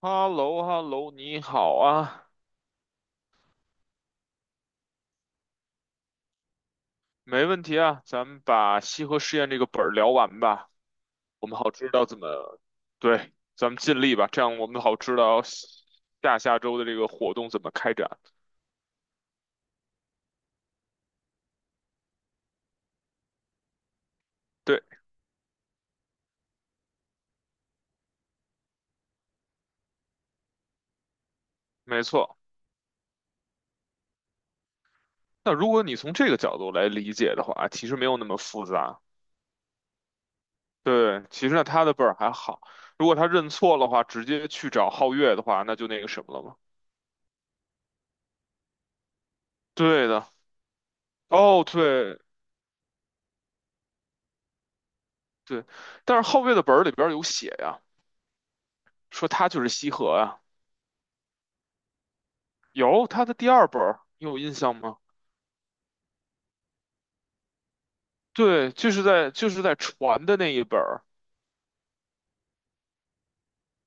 哈喽哈喽，你好啊，没问题啊，咱们把西河实验这个本儿聊完吧，我们好知道怎么，对，咱们尽力吧，这样我们好知道下下周的这个活动怎么开展。对，没错。那如果你从这个角度来理解的话，其实没有那么复杂。对，其实呢，他的本儿还好，如果他认错的话，直接去找皓月的话，那就那个什么了嘛。对的，哦，对，但是皓月的本儿里边儿有写呀，说他就是西河啊。有他的第二本儿，你有印象吗？对，就是在船的那一本儿，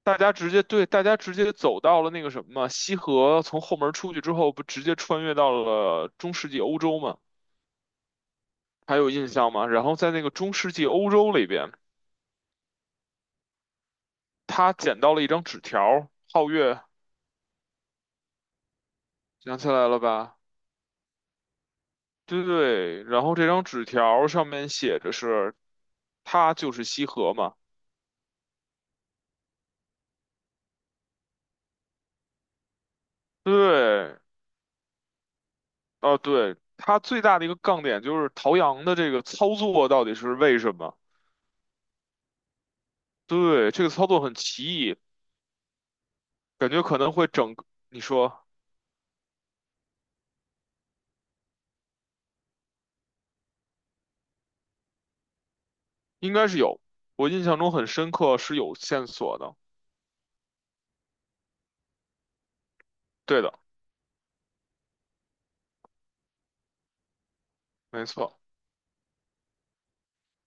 大家直接对，大家直接走到了那个什么西河，从后门出去之后，不直接穿越到了中世纪欧洲吗？还有印象吗？然后在那个中世纪欧洲里边，他捡到了一张纸条儿，皓月想起来了吧？对，然后这张纸条儿上面写着是，他就是西河嘛。对，哦，对，它最大的一个杠点就是陶阳的这个操作到底是为什么？对，这个操作很奇异，感觉可能会整个你说应该是有，我印象中很深刻是有线索的。对的，没错。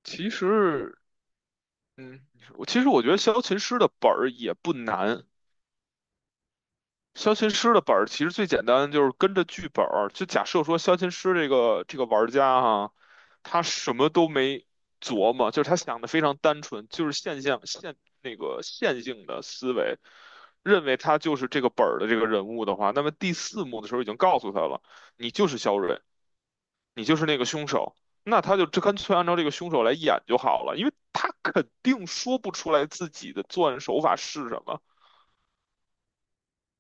其实，嗯，你说我其实我觉得萧琴师的本儿也不难，消琴师的本儿其实最简单，就是跟着剧本儿。就假设说消琴师这个玩家哈、他什么都没琢磨，就是他想的非常单纯，就是现象线那个线性的思维，认为他就是这个本儿的这个人物的话，那么第四幕的时候已经告诉他了，你就是肖瑞，你就是那个凶手。那他就这干脆按照这个凶手来演就好了，因为他肯定说不出来自己的作案手法是什么。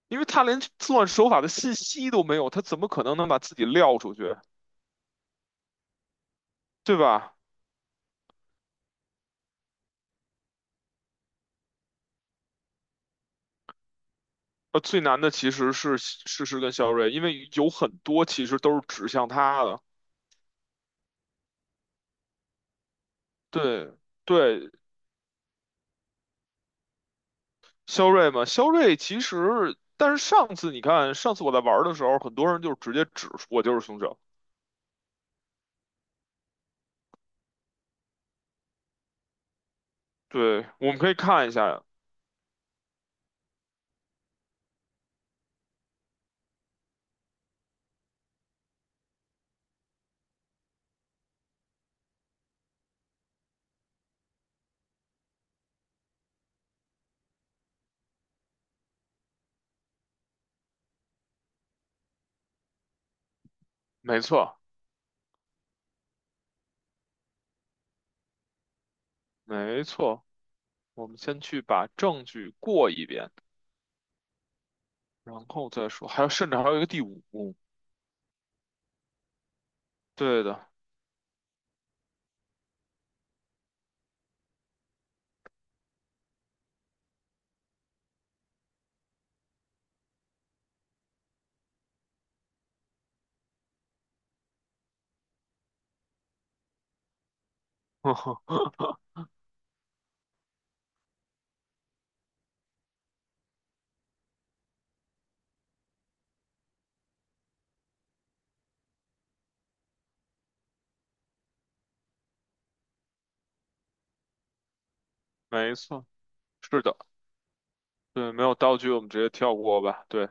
因为他连作案手法的信息都没有，他怎么可能能把自己撂出去，对吧？最难的其实是事实跟肖瑞，因为有很多其实都是指向他的。对对，肖瑞嘛，肖瑞其实，但是上次你看，上次我在玩的时候，很多人就直接指出我就是凶手。对，我们可以看一下，没错没错，我们先去把证据过一遍，然后再说，还有甚至还有一个第五，对的，没错。是的，对，没有道具我们直接跳过吧。对，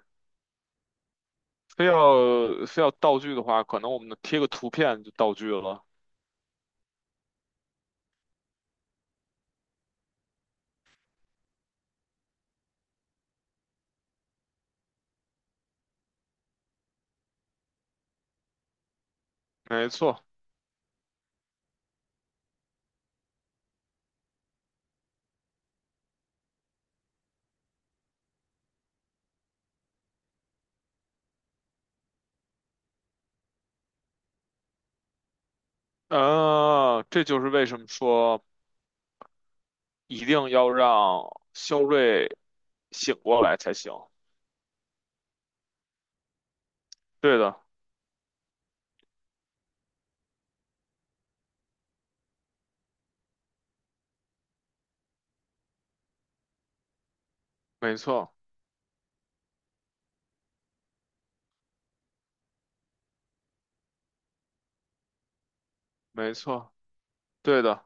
非要道具的话，可能我们贴个图片就道具了。没错，啊，这就是为什么说一定要让肖瑞醒过来才行。对的，没错，没错，对的，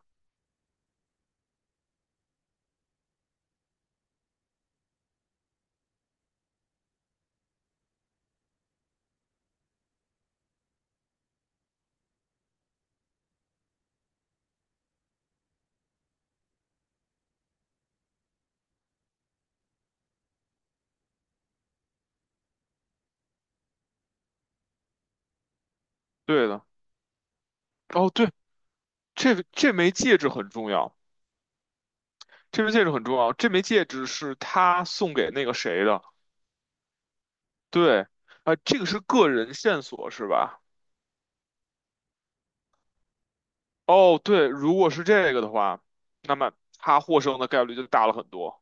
对的。哦，对，这枚戒指很重要，这枚戒指很重要，这枚戒指是他送给那个谁的。对，啊、这个是个人线索是吧？哦，对，如果是这个的话，那么他获胜的概率就大了很多。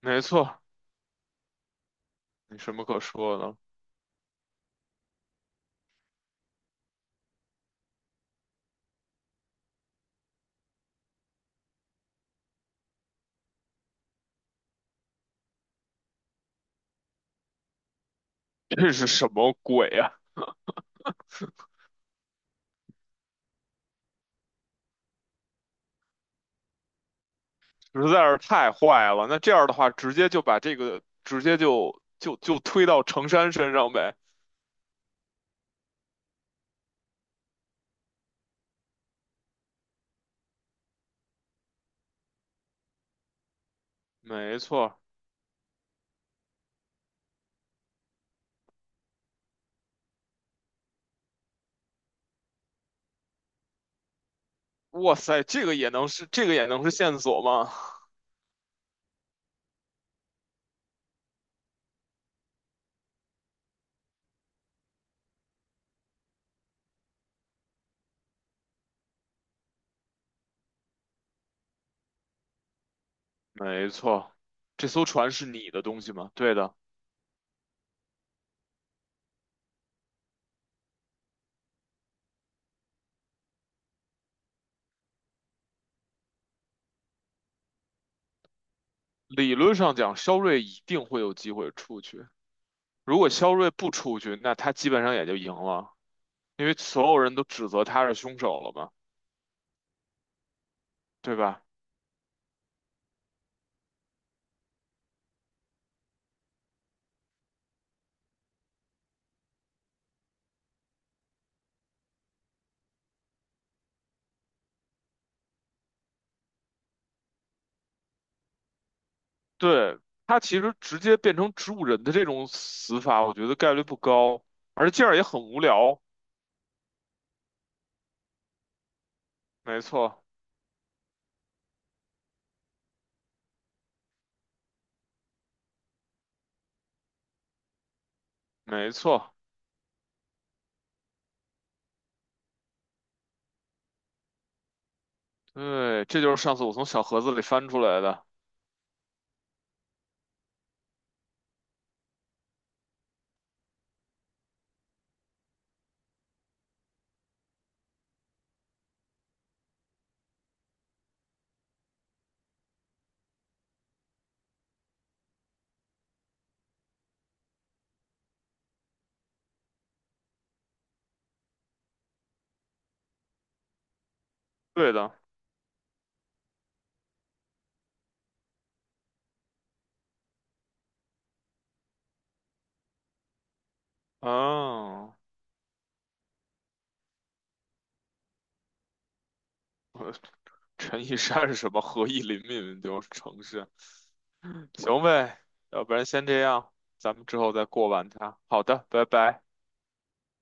没错，你什么可说的。这是什么鬼呀、实在是太坏了。那这样的话，直接就把这个直接就推到程山身上呗。没错，哇塞，这个也能是线索吗？没错，这艘船是你的东西吗？对的，理论上讲，肖瑞一定会有机会出去。如果肖瑞不出去，那他基本上也就赢了。因为所有人都指责他是凶手了嘛，对吧？对，他其实直接变成植物人的这种死法，我觉得概率不高，而且这样也很无聊。没错，没错，对，这就是上次我从小盒子里翻出来的。对的，嗯，陈一山是什么？何以林敏就是城市。行呗，要不然先这样，咱们之后再过完它。好的，拜拜。